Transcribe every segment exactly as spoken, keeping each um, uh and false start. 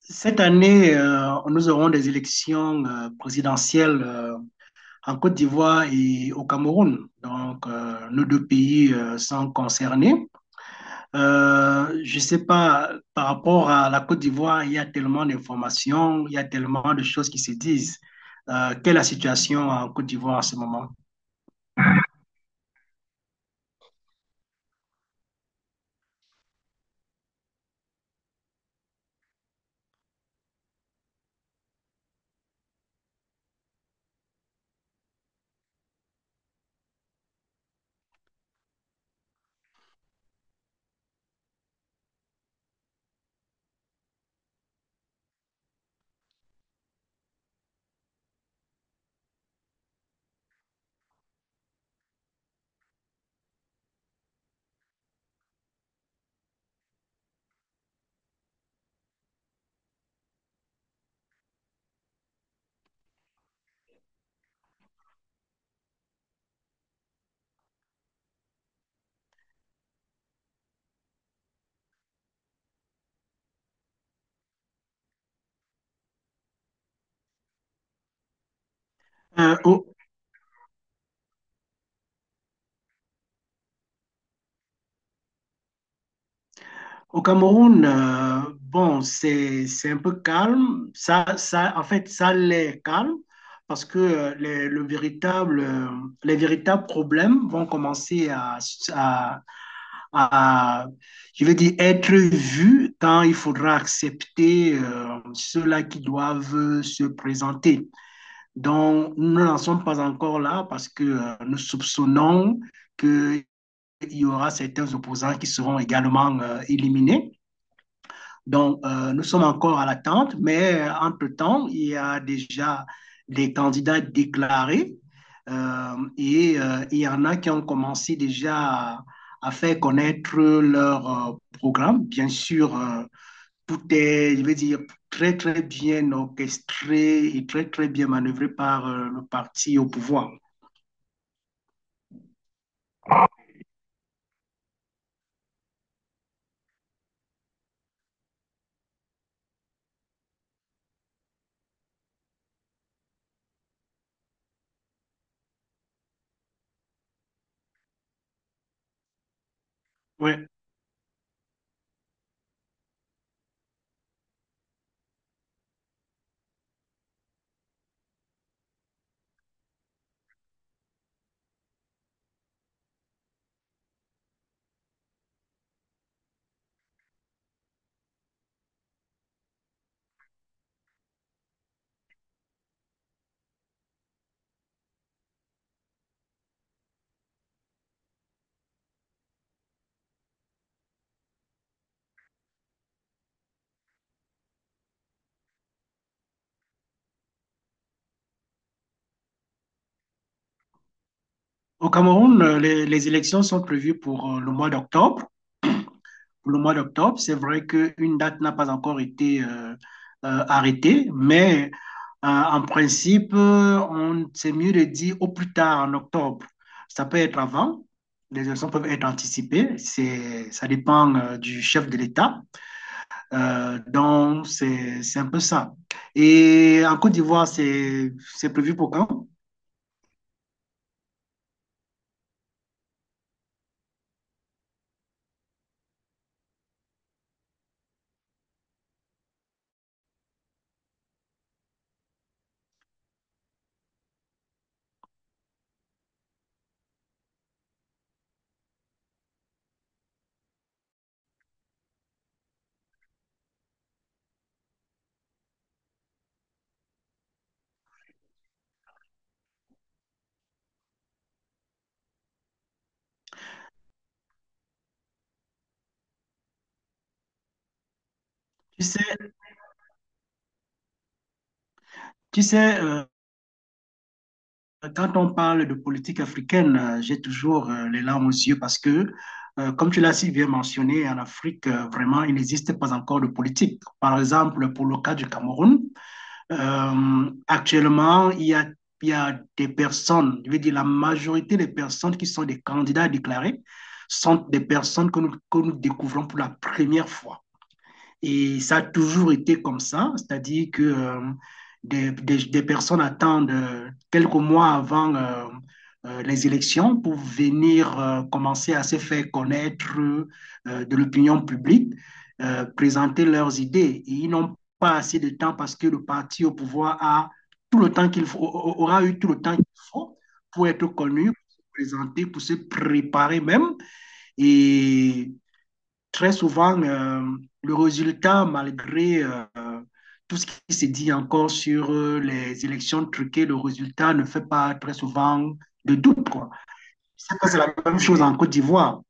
Cette année, euh, nous aurons des élections euh, présidentielles euh, en Côte d'Ivoire et au Cameroun. Donc, euh, nos deux pays euh, sont concernés. Euh, je ne sais pas, par rapport à la Côte d'Ivoire, il y a tellement d'informations, il y a tellement de choses qui se disent. Euh, quelle est la situation en Côte d'Ivoire en ce moment? Euh, au, Au Cameroun, euh, bon, c'est, c'est un peu calme. Ça, ça, en fait, ça l'est calme parce que euh, les, le véritable, euh, les véritables problèmes vont commencer à, à, à, je vais dire, être vus quand il faudra accepter euh, ceux-là qui doivent se présenter. Donc, nous n'en sommes pas encore là parce que euh, nous soupçonnons qu'il y aura certains opposants qui seront également euh, éliminés. Donc, euh, nous sommes encore à l'attente, mais euh, entre-temps, il y a déjà des candidats déclarés euh, et euh, il y en a qui ont commencé déjà à, à faire connaître leur euh, programme. Bien sûr, euh, tout est, je veux dire, très, très bien orchestré et très, très bien manœuvré par euh, le parti au pouvoir. Ouais. Au Cameroun, euh, les, les élections sont prévues pour euh, le mois d'octobre, pour le mois d'octobre. C'est vrai qu'une date n'a pas encore été euh, euh, arrêtée, mais euh, en principe, on, c'est mieux de dire au plus tard en octobre. Ça peut être avant, les élections peuvent être anticipées, c'est, ça dépend euh, du chef de l'État. Euh, donc, c'est, c'est un peu ça. Et en Côte d'Ivoire, c'est, c'est prévu pour quand? Tu sais, tu sais euh, quand on parle de politique africaine, euh, j'ai toujours euh, les larmes aux yeux parce que, euh, comme tu l'as si bien mentionné, en Afrique, euh, vraiment, il n'existe pas encore de politique. Par exemple, pour le cas du Cameroun, euh, actuellement, il y a, il y a des personnes, je veux dire, la majorité des personnes qui sont des candidats déclarés sont des personnes que nous, que nous découvrons pour la première fois. Et ça a toujours été comme ça, c'est-à-dire que euh, des, des- des personnes attendent euh, quelques mois avant euh, euh, les élections pour venir euh, commencer à se faire connaître euh, de l'opinion publique, euh, présenter leurs idées. Et ils n'ont pas assez de temps parce que le parti au pouvoir a tout le temps qu'il faut, aura eu tout le temps qu'il faut pour être connu, pour se présenter, pour se préparer même. Et très souvent, euh, le résultat, malgré euh, tout ce qui s'est dit encore sur euh, les élections truquées, le résultat ne fait pas très souvent de doute, quoi. Je sais que c'est la même chose en Côte d'Ivoire.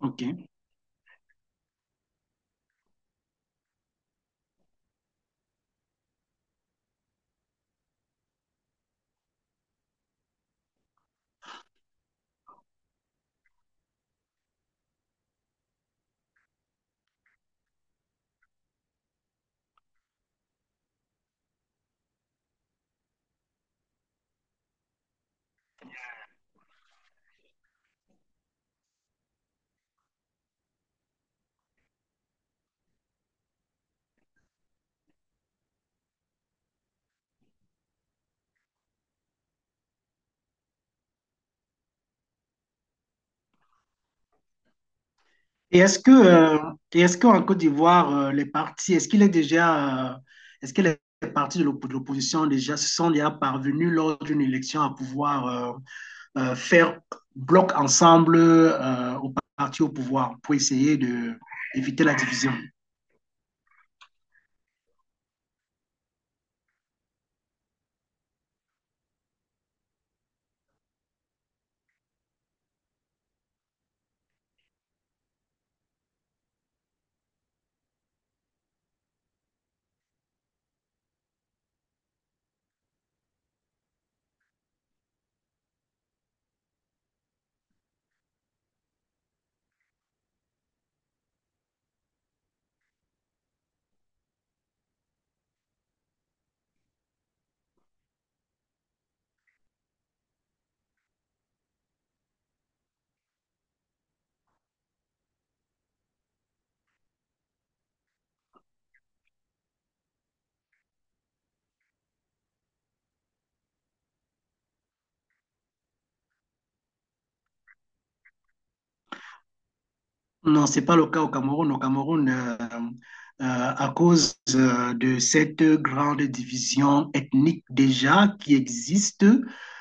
OK. Et est-ce que, euh, et est-ce qu'en Côte d'Ivoire, euh, les partis, est-ce qu'il est déjà, euh, est-ce que les partis de l'op- de l'opposition déjà se sont déjà parvenus lors d'une élection à pouvoir euh, euh, faire bloc ensemble euh, aux partis au pouvoir pour essayer de d'éviter la division? Non, c'est pas le cas au Cameroun. Au Cameroun, euh, euh, à cause euh, de cette grande division ethnique déjà qui existe,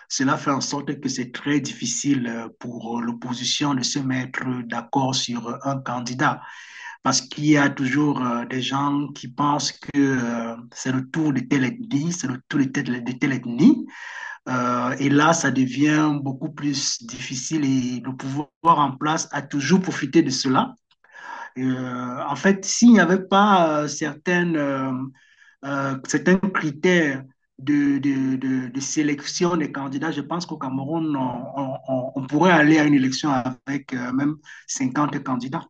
cela fait en sorte que c'est très difficile euh, pour l'opposition de se mettre d'accord sur un candidat parce qu'il y a toujours euh, des gens qui pensent que euh, c'est le tour de telle ethnie, c'est le tour de telle, de telle ethnie. Euh, et là, ça devient beaucoup plus difficile et le pouvoir en place a toujours profité de cela euh, en fait, s'il n'y avait pas euh, certaines, euh, euh, certains critères de, de, de- de sélection des candidats, je pense qu'au Cameroun, on, on- on- on pourrait aller à une élection avec euh, même cinquante candidats.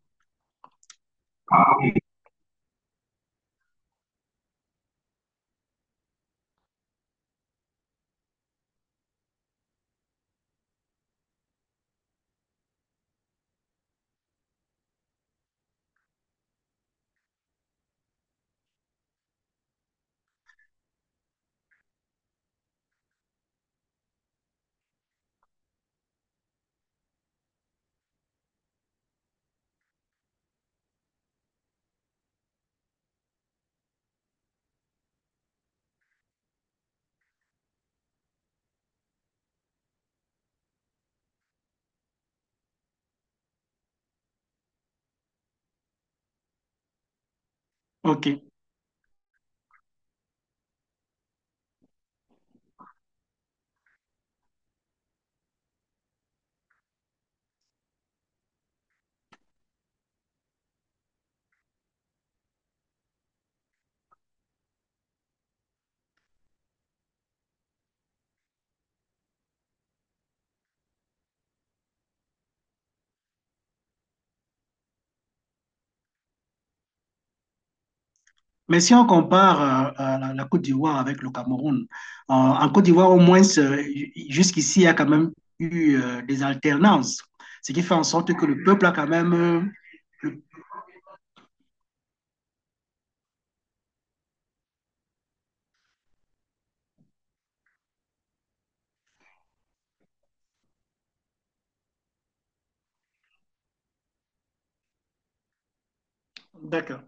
OK. Mais si on compare euh, euh, la, la Côte d'Ivoire avec le Cameroun, euh, en Côte d'Ivoire, au moins, euh, jusqu'ici, il y a quand même eu euh, des alternances, ce qui fait en sorte que le peuple a quand même... euh, le- D'accord.